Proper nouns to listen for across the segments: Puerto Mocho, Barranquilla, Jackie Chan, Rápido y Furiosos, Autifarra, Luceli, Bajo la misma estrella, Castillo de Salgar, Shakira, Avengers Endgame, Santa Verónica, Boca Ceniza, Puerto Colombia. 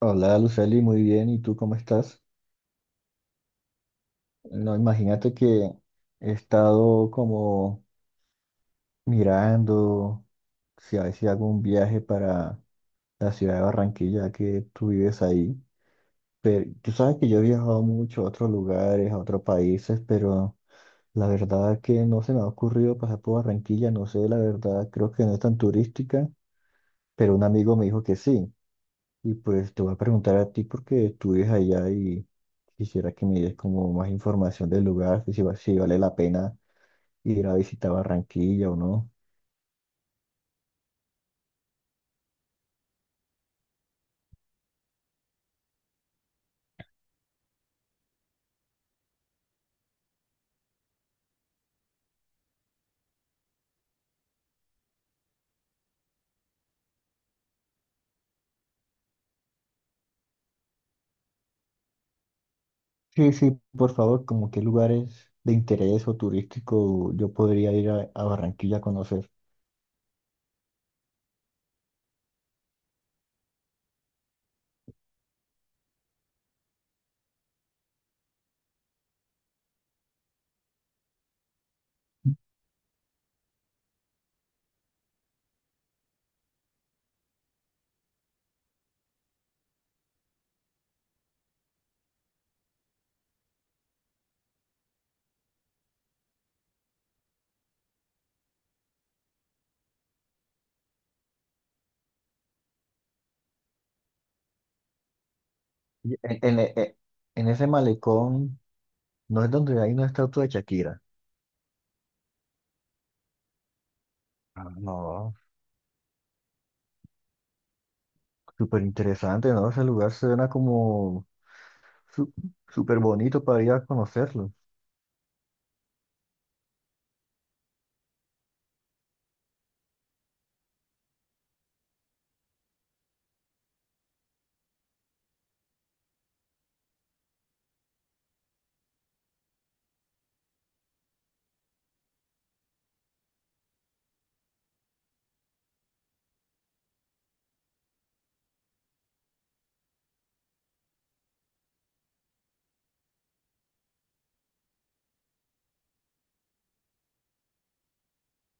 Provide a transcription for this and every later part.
Hola Luceli, muy bien. ¿Y tú cómo estás? No, imagínate que he estado como mirando si a ver si hago un viaje para la ciudad de Barranquilla, que tú vives ahí. Pero tú sabes que yo he viajado mucho a otros lugares, a otros países, pero la verdad que no se me ha ocurrido pasar por Barranquilla. No sé, la verdad, creo que no es tan turística, pero un amigo me dijo que sí. Y pues te voy a preguntar a ti porque tú vives allá y quisiera que me des como más información del lugar, que si, va- si vale la pena ir a visitar Barranquilla o no. Sí, sí, por favor, como qué lugares de interés o turístico yo podría ir a Barranquilla a conocer. Y En, en e- e- en ese malecón, no es donde hay una estatua de Shakira. Ah, no. Súper interesante, ¿no? Ese lugar suena como su- súper bonito para ir a conocerlo.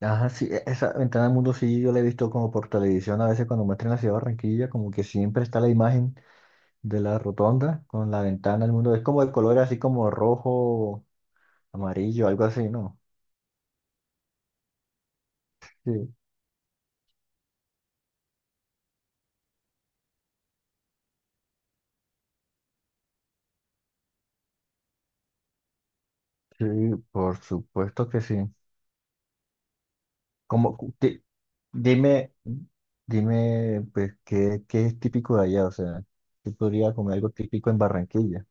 Ajá, sí, esa ventana del mundo sí yo la he visto como por televisión a veces cuando muestran la ciudad de Barranquilla, como que siempre está la imagen de la rotonda con la ventana del mundo. Es como el color así como rojo, amarillo, algo así, ¿no? Sí, sí, por supuesto que sí. Como, cu- di- dime, dime, pues, ¿ qué es típico de allá? O sea, ¿qué podría comer algo típico en Barranquilla?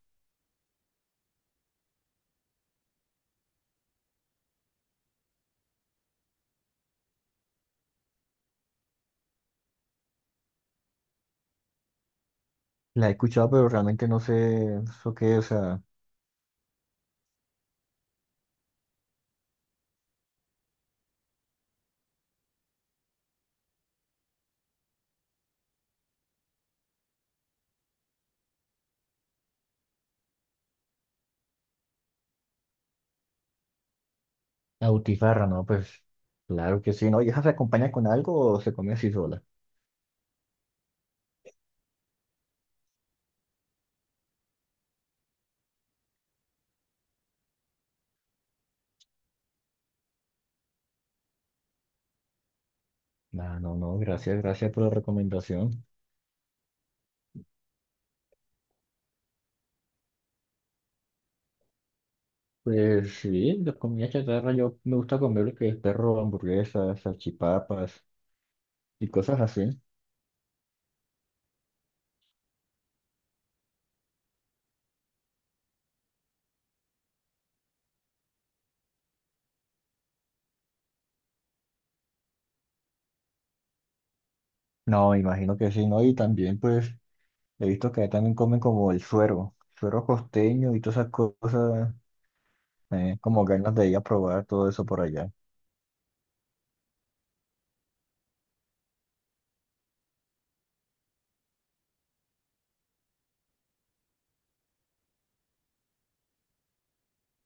La he escuchado, pero realmente no sé eso qué es. Autifarra, no, pues claro que sí, ¿no? ¿Y esa se acompaña con algo o se come así sola? Ah, no, no, gracias, gracias por la recomendación. Pues sí, la comida chatarra yo me gusta comer lo que es perro, hamburguesas, salchipapas y cosas así. No, me imagino que sí, ¿no? Y también pues he visto que ahí también comen como el suero, suero costeño y todas esas cosas, como ganas de ir a probar todo eso por allá.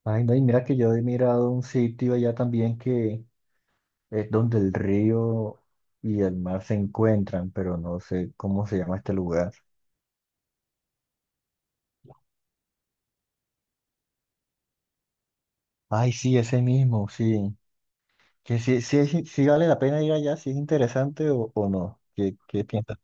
Ay, no, y mira que yo he mirado un sitio allá también que es donde el río y el mar se encuentran, pero no sé cómo se llama este lugar. Ay, sí, ese mismo, sí. Que sí, sí, es in- sí vale la pena ir allá, si es interesante o no. ¿ qué piensas?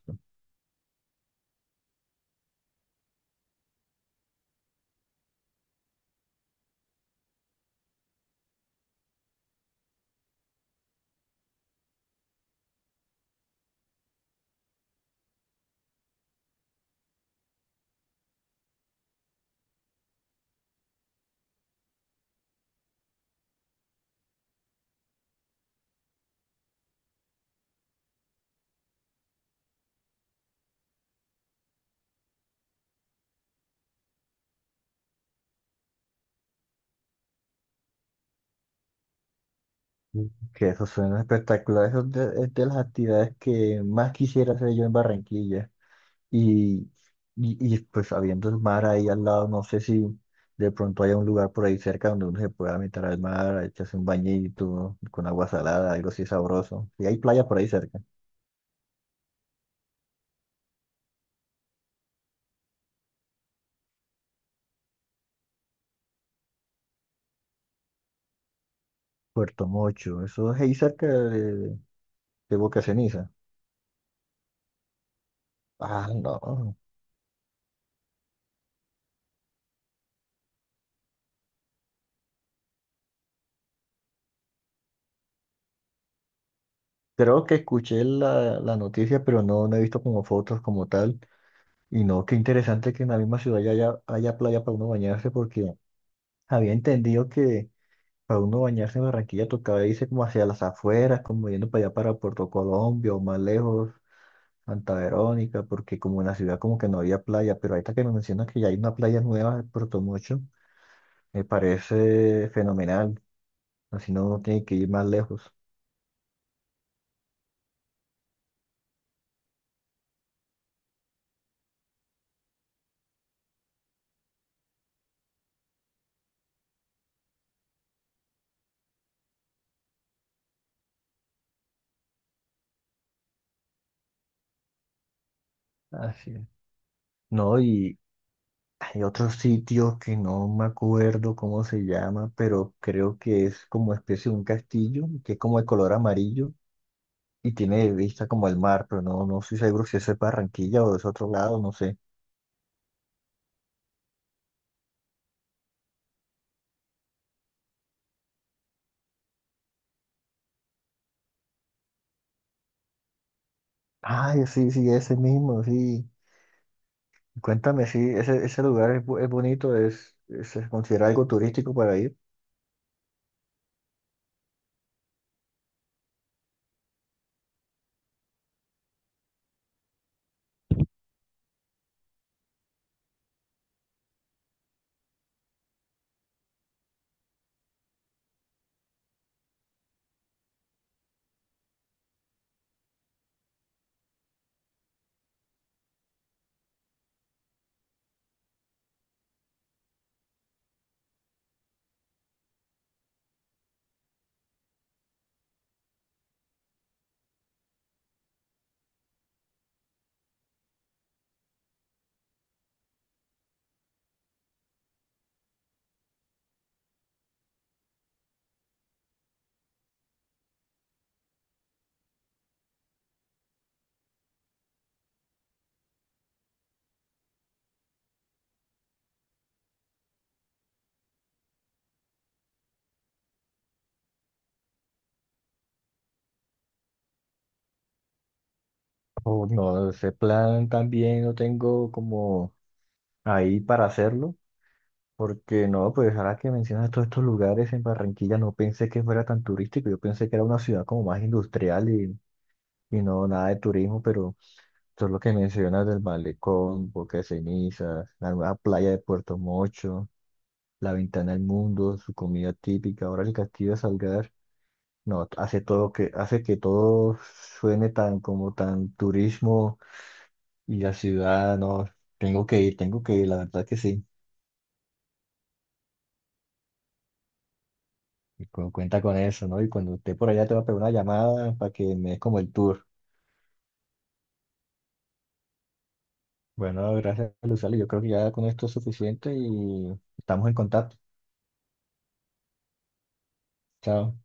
Mm. Que eso suena espectacular. Eso es es de las actividades que más quisiera hacer yo en Barranquilla. Y, pues habiendo el mar ahí al lado, no sé si de pronto haya un lugar por ahí cerca donde uno se pueda meter al mar, echarse un bañito con agua salada, algo así sabroso. Y hay playa por ahí cerca. Puerto Mocho, eso es ahí cerca de Boca Ceniza. Ah, no. Creo que escuché la noticia, pero no, no he visto como fotos como tal. Y no, qué interesante que en la misma ciudad ya haya, haya playa para uno bañarse, porque había entendido que para uno bañarse en Barranquilla tocaba irse como hacia las afueras, como yendo para allá para Puerto Colombia o más lejos, Santa Verónica, porque como en la ciudad como que no había playa, pero ahorita que me mencionas que ya hay una playa nueva en Puerto Mocho, me parece fenomenal, así no uno tiene que ir más lejos. Así es. No, y hay otro sitio que no me acuerdo cómo se llama, pero creo que es como especie de un castillo, que es como de color amarillo y tiene vista como el mar, pero no, no estoy seguro si eso es Barranquilla o es otro lado, no sé. Ay, sí, sí, ese mismo, sí. Cuéntame, sí, ese lugar es, es bonito, se considera algo turístico para ir. O no, ese plan también no tengo como ahí para hacerlo, porque no, pues ahora que mencionas todos estos lugares en Barranquilla, no pensé que fuera tan turístico, yo pensé que era una ciudad como más industrial y no nada de turismo, pero... Todo lo que mencionas del malecón, Boca de Cenizas, la nueva playa de Puerto Mocho, la ventana al mundo, su comida típica, ahora el castillo de Salgar, no, hace que todo suene tan como tan turismo y la ciudad, no, tengo que ir, la verdad que sí. Cuenta con eso, ¿no? Y cuando esté por allá te va a pegar una llamada para que me des como el tour. Bueno, gracias, Luzali. Yo creo que ya con esto es suficiente y estamos en contacto. Chao.